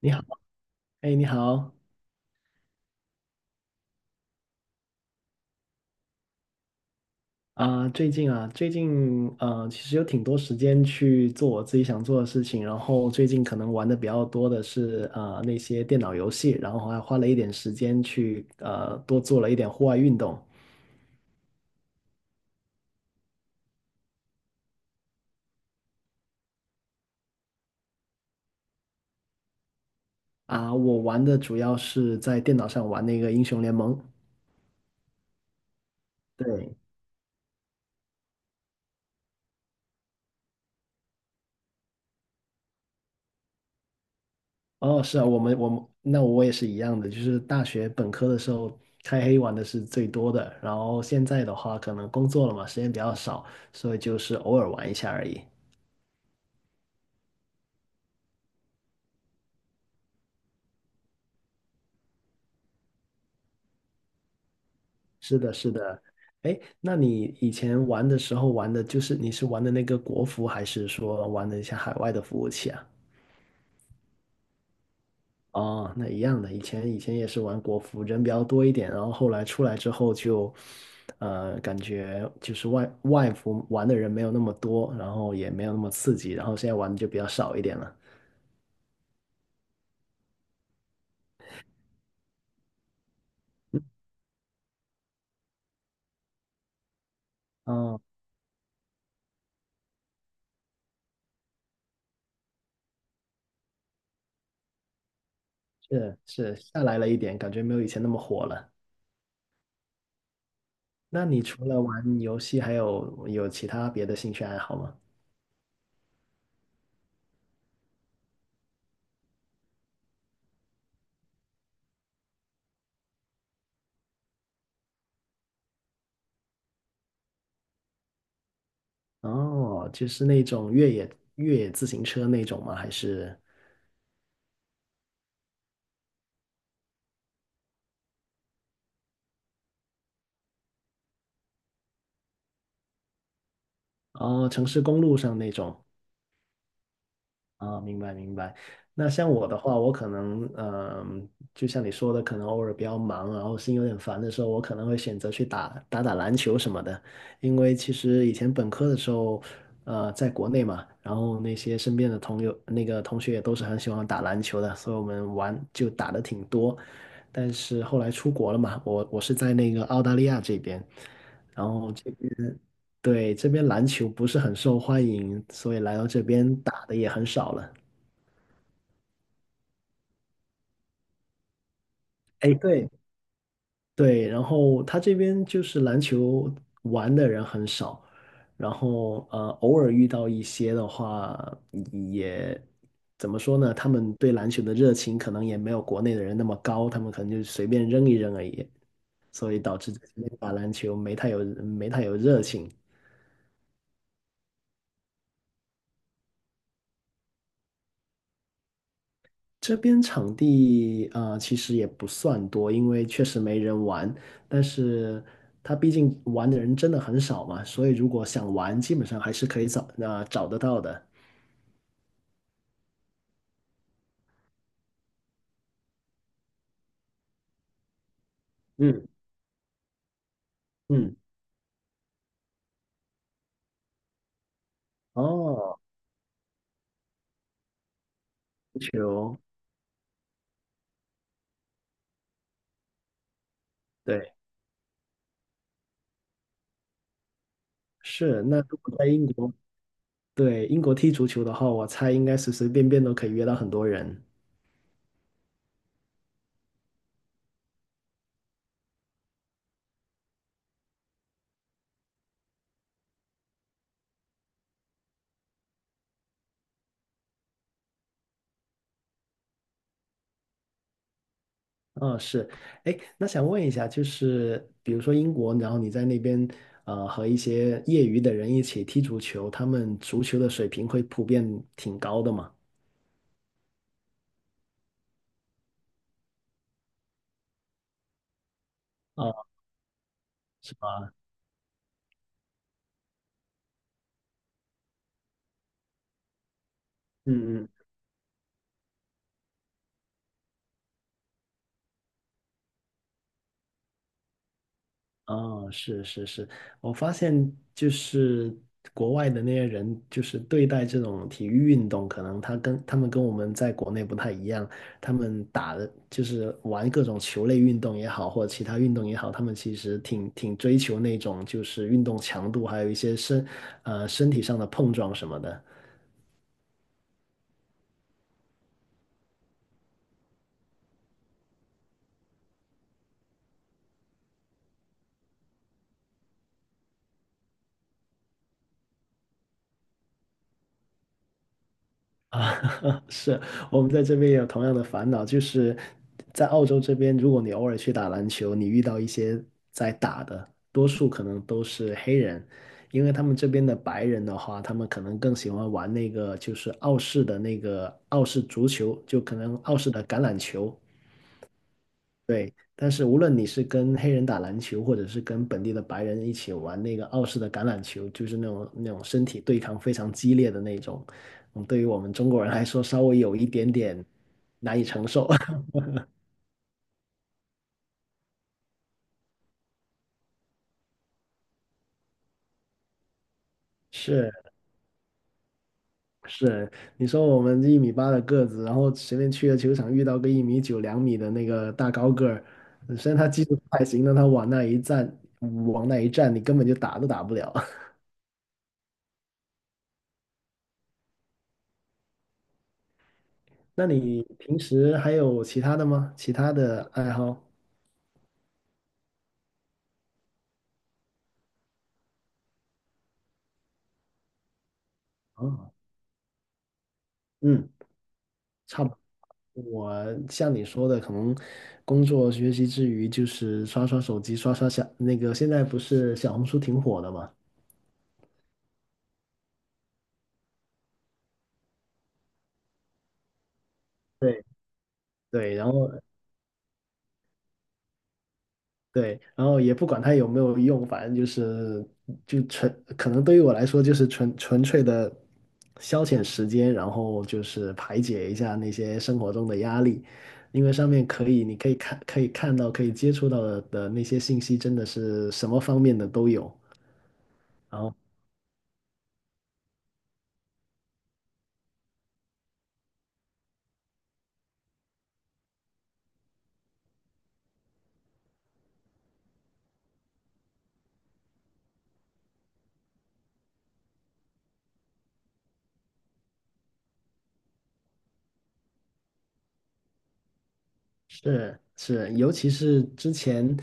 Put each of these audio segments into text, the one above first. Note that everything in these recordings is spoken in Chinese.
你好。哎，你好。啊，最近啊，最近其实有挺多时间去做我自己想做的事情，然后最近可能玩的比较多的是那些电脑游戏，然后还花了一点时间去多做了一点户外运动。啊，我玩的主要是在电脑上玩那个英雄联盟。对。哦，是啊，我们我也是一样的，就是大学本科的时候开黑玩的是最多的，然后现在的话可能工作了嘛，时间比较少，所以就是偶尔玩一下而已。哎，那你以前玩的时候玩的就是你是玩的那个国服，还是说玩的一些海外的服务器啊？哦，那一样的，以前也是玩国服，人比较多一点，然后后来出来之后就，感觉就是外服玩的人没有那么多，然后也没有那么刺激，然后现在玩的就比较少一点了。哦，是是，下来了一点，感觉没有以前那么火了。那你除了玩游戏，还有其他别的兴趣爱好吗？哦，就是那种越野自行车那种吗？还是哦城市公路上那种？啊，明白明白。那像我的话，我可能，就像你说的，可能偶尔比较忙，然后心有点烦的时候，我可能会选择去打打篮球什么的。因为其实以前本科的时候，在国内嘛，然后那些身边的同友、那个同学也都是很喜欢打篮球的，所以我们玩就打的挺多。但是后来出国了嘛，我是在那个澳大利亚这边，然后这边。对，这边篮球不是很受欢迎，所以来到这边打的也很少了。哎，对对，然后他这边就是篮球玩的人很少，然后偶尔遇到一些的话，也怎么说呢？他们对篮球的热情可能也没有国内的人那么高，他们可能就随便扔一扔而已，所以导致这边打篮球没太有热情。这边场地啊、其实也不算多，因为确实没人玩。但是他毕竟玩的人真的很少嘛，所以如果想玩，基本上还是可以找那、找得到的。嗯嗯，哦，足球，对，是。那如果在英国，对，英国踢足球的话，我猜应该随随便便都可以约到很多人。嗯，是，哎，那想问一下，就是比如说英国，然后你在那边，和一些业余的人一起踢足球，他们足球的水平会普遍挺高的嘛？啊，是吧？嗯嗯，哦，是是是，我发现就是国外的那些人，就是对待这种体育运动，可能他们跟我们在国内不太一样，他们打的就是玩各种球类运动也好，或者其他运动也好，他们其实挺挺追求那种就是运动强度，还有一些身体上的碰撞什么的。啊，是，我们在这边也有同样的烦恼，就是在澳洲这边，如果你偶尔去打篮球，你遇到一些在打的，多数可能都是黑人，因为他们这边的白人的话，他们可能更喜欢玩那个就是澳式的那个澳式足球，就可能澳式的橄榄球，对，但是无论你是跟黑人打篮球，或者是跟本地的白人一起玩那个澳式的橄榄球，就是那种身体对抗非常激烈的那种，嗯，对于我们中国人来说，稍微有一点点难以承受。是是，你说我们一米八的个子，然后随便去个球场遇到个一米九、两米的那个大高个儿，嗯虽然他技术不太行，但他往那一站，往那一站，你根本就打都打不了。那你平时还有其他的吗？其他的爱好？啊，嗯，差不多。我像你说的，可能工作学习之余，就是刷刷手机，刷刷小那个。现在不是小红书挺火的嘛？对对，然后对，然后也不管它有没有用，反正就是就纯，可能对于我来说就是纯纯粹的消遣时间，然后就是排解一下那些生活中的压力，因为上面可以，你可以看，可以看到，可以接触到的那些信息，真的是什么方面的都有。然后。是是，尤其是之前，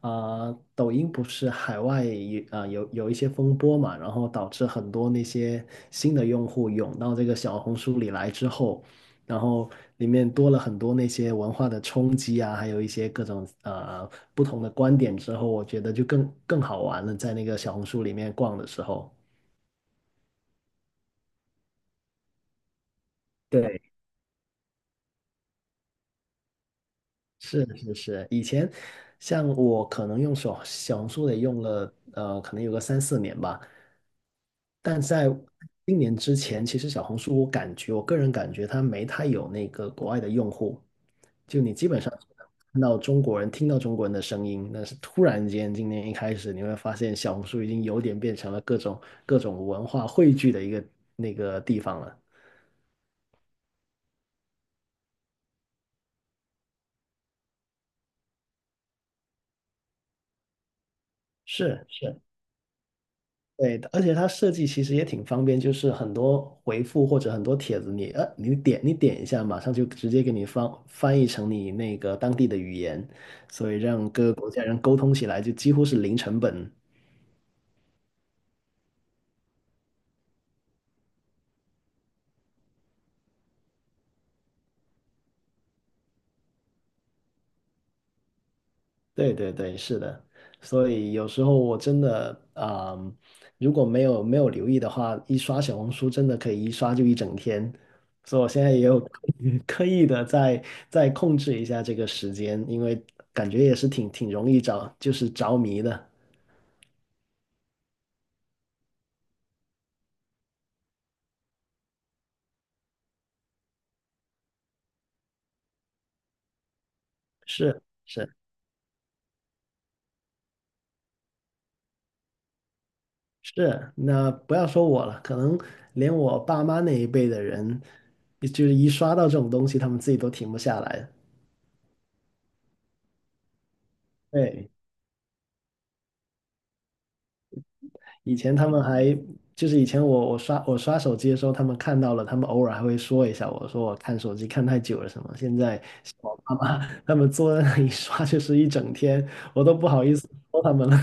啊、抖音不是海外有啊、有有一些风波嘛，然后导致很多那些新的用户涌到这个小红书里来之后，然后里面多了很多那些文化的冲击啊，还有一些各种不同的观点之后，我觉得就更更好玩了，在那个小红书里面逛的时候。对。是是是，以前像我可能用手小红书得用了，可能有个三四年吧。但在今年之前，其实小红书我感觉，我个人感觉它没太有那个国外的用户，就你基本上只能看到中国人，听到中国人的声音，但是突然间今年一开始，你会发现小红书已经有点变成了各种文化汇聚的一个那个地方了。是是，对的而且它设计其实也挺方便，就是很多回复或者很多帖子你，你点你点一下，马上就直接给你翻译成你那个当地的语言，所以让各个国家人沟通起来就几乎是零成本。对对对，是的，所以有时候我真的，嗯，如果没有留意的话，一刷小红书真的可以一刷就一整天，所以我现在也有 刻意的在在控制一下这个时间，因为感觉也是挺挺容易着，就是着迷的。是是是，那不要说我了，可能连我爸妈那一辈的人，就是一刷到这种东西，他们自己都停不下来。对。以前他们还就是以前我刷手机的时候，他们看到了，他们偶尔还会说一下我，说我看手机看太久了什么。现在像我爸妈他们坐在那里刷就是一整天，我都不好意思说他们了。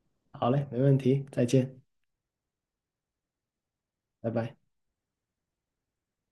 好嘞，没问题，再见，拜拜。